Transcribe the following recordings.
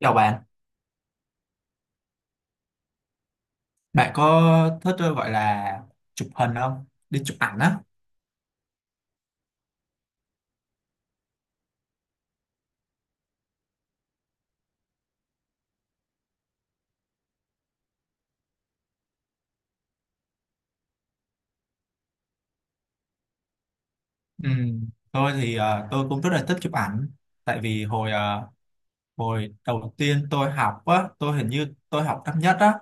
Chào bạn, bạn có thích gọi là chụp hình không? Đi chụp ảnh á. Ừ. Tôi thì tôi cũng rất là thích chụp ảnh, tại vì Hồi đầu tiên tôi học á, tôi hình như tôi học năm nhất á,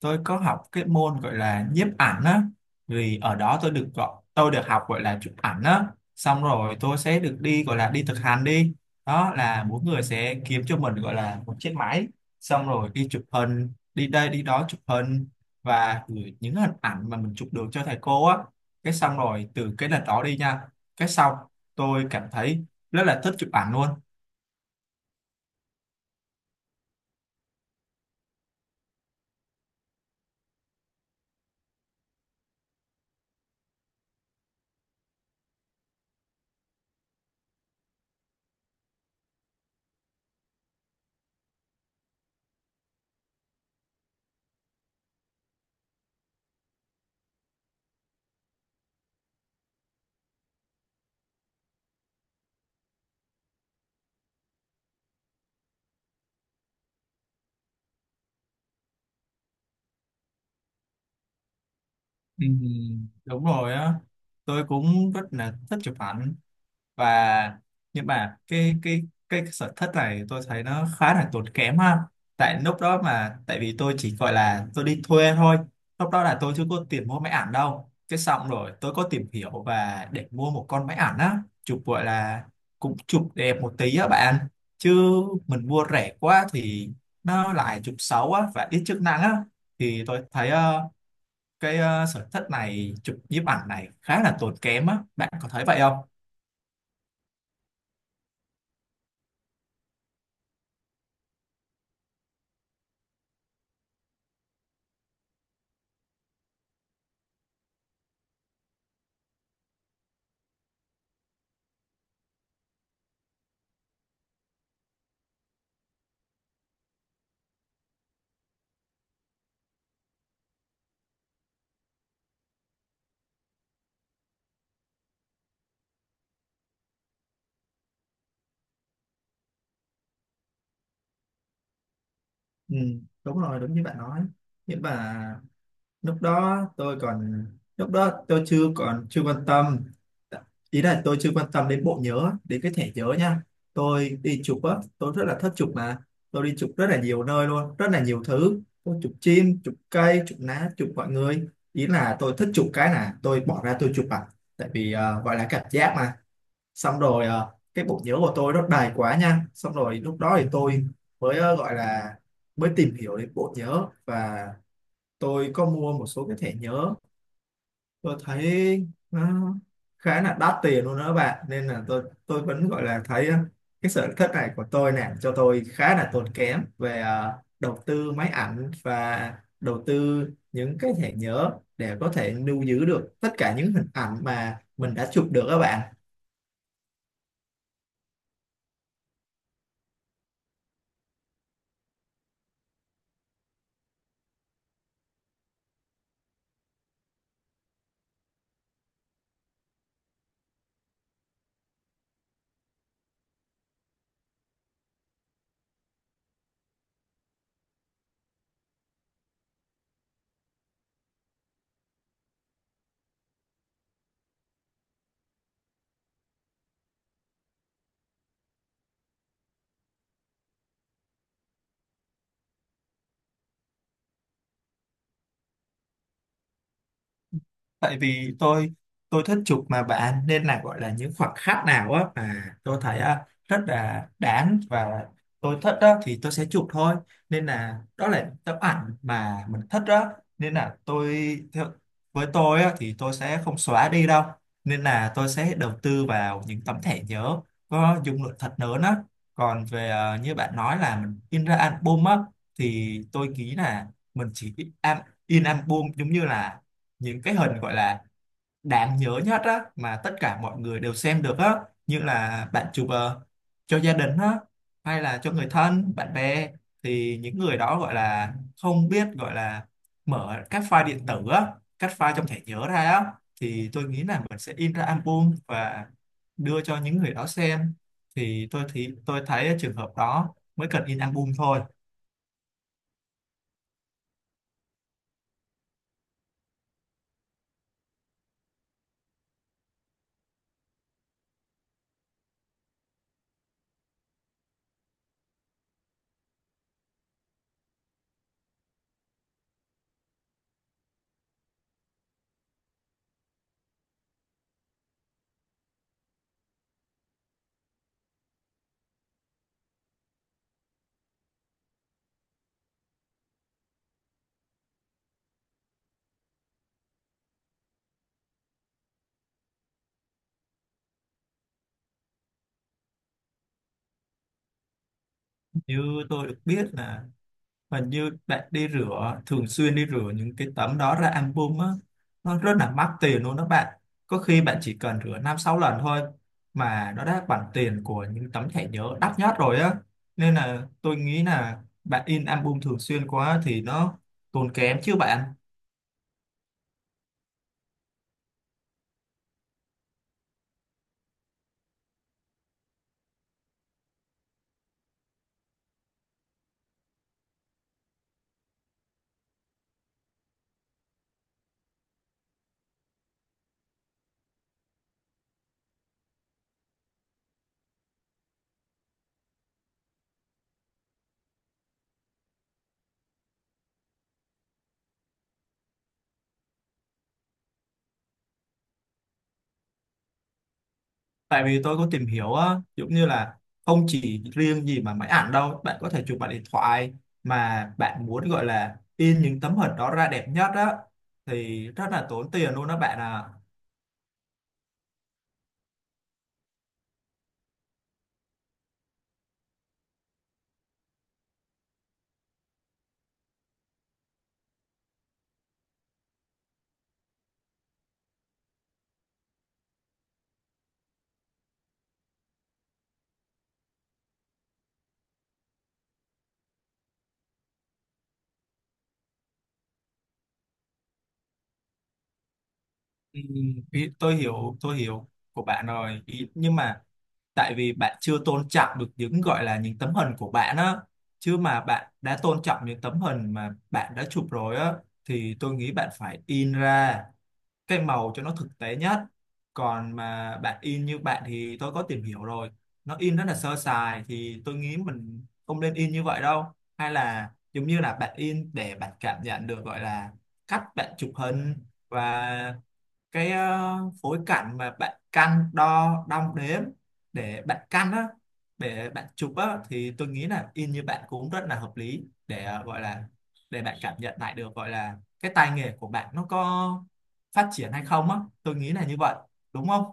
tôi có học cái môn gọi là nhiếp ảnh á, vì ở đó tôi được gọi, tôi được học gọi là chụp ảnh á, xong rồi tôi sẽ được đi gọi là đi thực hành đi, đó là mỗi người sẽ kiếm cho mình gọi là một chiếc máy, xong rồi đi chụp hình, đi đây đi đó chụp hình và gửi những hình ảnh mà mình chụp được cho thầy cô á, cái xong rồi từ cái lần đó đi nha, cái xong tôi cảm thấy rất là thích chụp ảnh luôn. Ừ, đúng rồi á, tôi cũng rất là thích chụp ảnh và nhưng mà cái cái sở thích này tôi thấy nó khá là tốn kém ha, tại lúc đó mà tại vì tôi chỉ gọi là tôi đi thuê thôi, lúc đó là tôi chưa có tiền mua máy ảnh đâu, cái xong rồi tôi có tìm hiểu và để mua một con máy ảnh á, chụp gọi là cũng chụp đẹp một tí á bạn, chứ mình mua rẻ quá thì nó lại chụp xấu á và ít chức năng á, thì tôi thấy cái sở thích này chụp nhiếp ảnh này khá là tốn kém á, bạn có thấy vậy không? Ừ, đúng rồi, đúng như bạn nói. Nhưng mà lúc đó tôi còn lúc đó tôi chưa còn chưa quan tâm. Ý là tôi chưa quan tâm đến bộ nhớ, đến cái thẻ nhớ nha. Tôi đi chụp á, tôi rất là thích chụp mà. Tôi đi chụp rất là nhiều nơi luôn, rất là nhiều thứ. Tôi chụp chim, chụp cây, chụp lá, chụp mọi người. Ý là tôi thích chụp cái là tôi bỏ ra tôi chụp ảnh. Tại vì gọi là cảm giác mà. Xong rồi cái bộ nhớ của tôi nó đầy quá nha, xong rồi lúc đó thì tôi mới gọi là mới tìm hiểu đến bộ nhớ và tôi có mua một số cái thẻ nhớ, tôi thấy nó khá là đắt tiền luôn đó các bạn, nên là tôi vẫn gọi là thấy cái sở thích này của tôi nè cho tôi khá là tốn kém về đầu tư máy ảnh và đầu tư những cái thẻ nhớ để có thể lưu giữ được tất cả những hình ảnh mà mình đã chụp được các bạn. Tại vì tôi thích chụp mà bạn, nên là gọi là những khoảnh khắc nào á mà tôi thấy á rất là đáng và tôi thích đó thì tôi sẽ chụp thôi, nên là đó là tấm ảnh mà mình thích đó, nên là tôi theo, với tôi á, thì tôi sẽ không xóa đi đâu, nên là tôi sẽ đầu tư vào những tấm thẻ nhớ có dung lượng thật lớn á. Còn về à, như bạn nói là mình in ra album á, thì tôi nghĩ là mình chỉ in, in album giống như là những cái hình gọi là đáng nhớ nhất á mà tất cả mọi người đều xem được á, như là bạn chụp cho gia đình á, hay là cho người thân bạn bè, thì những người đó gọi là không biết gọi là mở các file điện tử á, các file trong thẻ nhớ ra á, thì tôi nghĩ là mình sẽ in ra album và đưa cho những người đó xem, thì tôi thấy trường hợp đó mới cần in album thôi. Như tôi được biết là và như bạn đi rửa thường xuyên, đi rửa những cái tấm đó ra album á, nó rất là mắc tiền luôn đó bạn, có khi bạn chỉ cần rửa năm sáu lần thôi mà nó đã bằng tiền của những tấm thẻ nhớ đắt nhất rồi á, nên là tôi nghĩ là bạn in album thường xuyên quá thì nó tốn kém chứ bạn. Tại vì tôi có tìm hiểu á, giống như là không chỉ riêng gì mà máy ảnh đâu, bạn có thể chụp bằng điện thoại mà bạn muốn gọi là in những tấm hình đó ra đẹp nhất á, thì rất là tốn tiền luôn đó bạn ạ. Ừ, tôi hiểu, của bạn rồi ý, nhưng mà tại vì bạn chưa tôn trọng được những gọi là những tấm hình của bạn á, chứ mà bạn đã tôn trọng những tấm hình mà bạn đã chụp rồi á, thì tôi nghĩ bạn phải in ra cái màu cho nó thực tế nhất, còn mà bạn in như bạn thì tôi có tìm hiểu rồi, nó in rất là sơ sài, thì tôi nghĩ mình không nên in như vậy đâu, hay là giống như là bạn in để bạn cảm nhận được gọi là cách bạn chụp hình và cái phối cảnh mà bạn căn đo đong đếm để bạn căn á, để bạn chụp á, thì tôi nghĩ là in như bạn cũng rất là hợp lý để gọi là để bạn cảm nhận lại được gọi là cái tay nghề của bạn nó có phát triển hay không á, tôi nghĩ là như vậy, đúng không?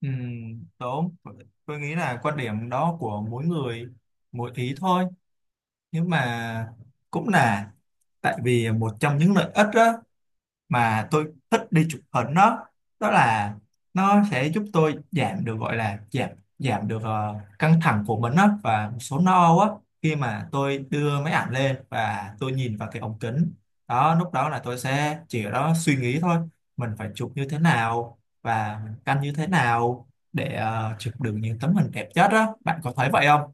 Ừ, đúng, tôi nghĩ là quan điểm đó của mỗi người mỗi ý thôi, nhưng mà cũng là tại vì một trong những lợi ích á mà tôi thích đi chụp hình đó, đó là nó sẽ giúp tôi giảm được gọi là giảm giảm được căng thẳng của mình á và một số no á, khi mà tôi đưa máy ảnh lên và tôi nhìn vào cái ống kính đó, lúc đó là tôi sẽ chỉ ở đó suy nghĩ thôi, mình phải chụp như thế nào và mình canh như thế nào để chụp được những tấm hình đẹp nhất á, bạn có thấy vậy không?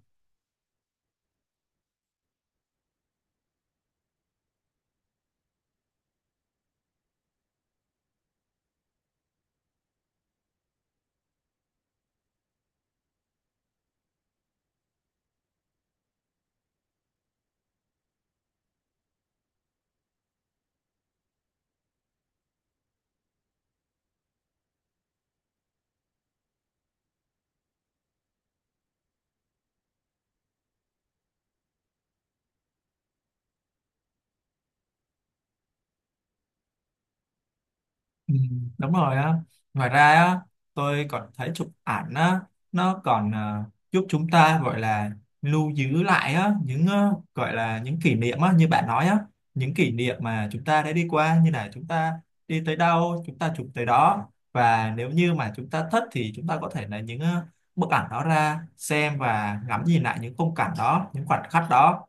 Ừ, đúng rồi á, ngoài ra á tôi còn thấy chụp ảnh á nó còn giúp chúng ta gọi là lưu giữ lại á những gọi là những kỷ niệm á như bạn nói á, những kỷ niệm mà chúng ta đã đi qua, như là chúng ta đi tới đâu chúng ta chụp tới đó, và nếu như mà chúng ta thích thì chúng ta có thể lấy những bức ảnh đó ra xem và ngắm nhìn lại những khung cảnh đó, những khoảnh khắc đó.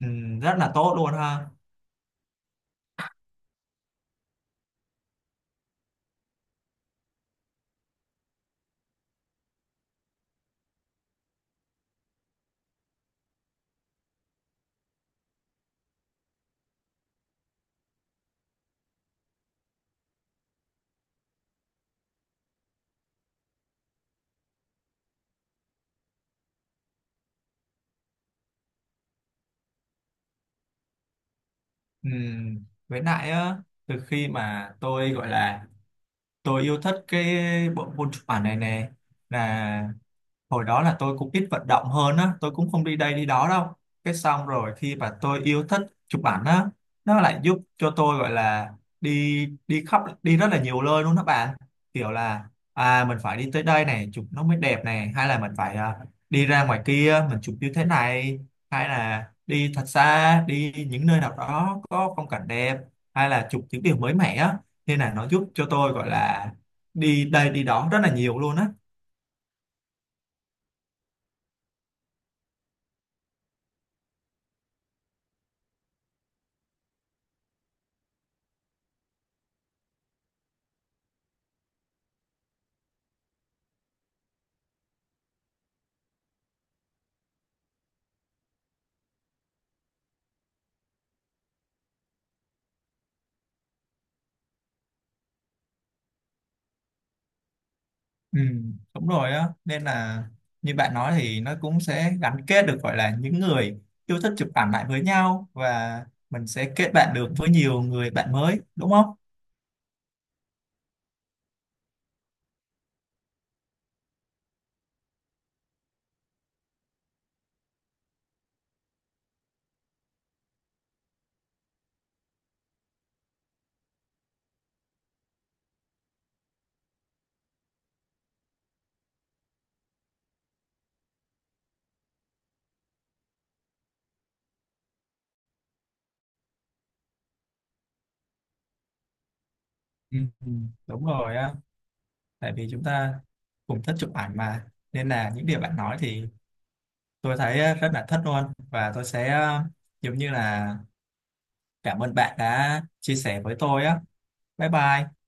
Ừ, rất là tốt luôn ha. Ừ, với lại á, từ khi mà tôi gọi là tôi yêu thích cái bộ môn chụp ảnh này nè, là hồi đó là tôi cũng ít vận động hơn á, tôi cũng không đi đây đi đó đâu, cái xong rồi khi mà tôi yêu thích chụp ảnh á, nó lại giúp cho tôi gọi là đi đi khắp, đi rất là nhiều nơi luôn đó bạn, kiểu là à mình phải đi tới đây này chụp nó mới đẹp này, hay là mình phải đi ra ngoài kia mình chụp như thế này, hay là đi thật xa đi những nơi nào đó có phong cảnh đẹp, hay là chụp những điều mới mẻ á, nên là nó giúp cho tôi gọi là đi đây đi đó rất là nhiều luôn á. Ừ, đúng rồi á, nên là như bạn nói thì nó cũng sẽ gắn kết được gọi là những người yêu thích chụp ảnh lại với nhau và mình sẽ kết bạn được với nhiều người bạn mới, đúng không? Ừ, ừ, đúng rồi á, tại vì chúng ta cùng thích chụp ảnh mà, nên là những điều bạn nói thì tôi thấy rất là thích luôn và tôi sẽ giống như là cảm ơn bạn đã chia sẻ với tôi á, bye bye.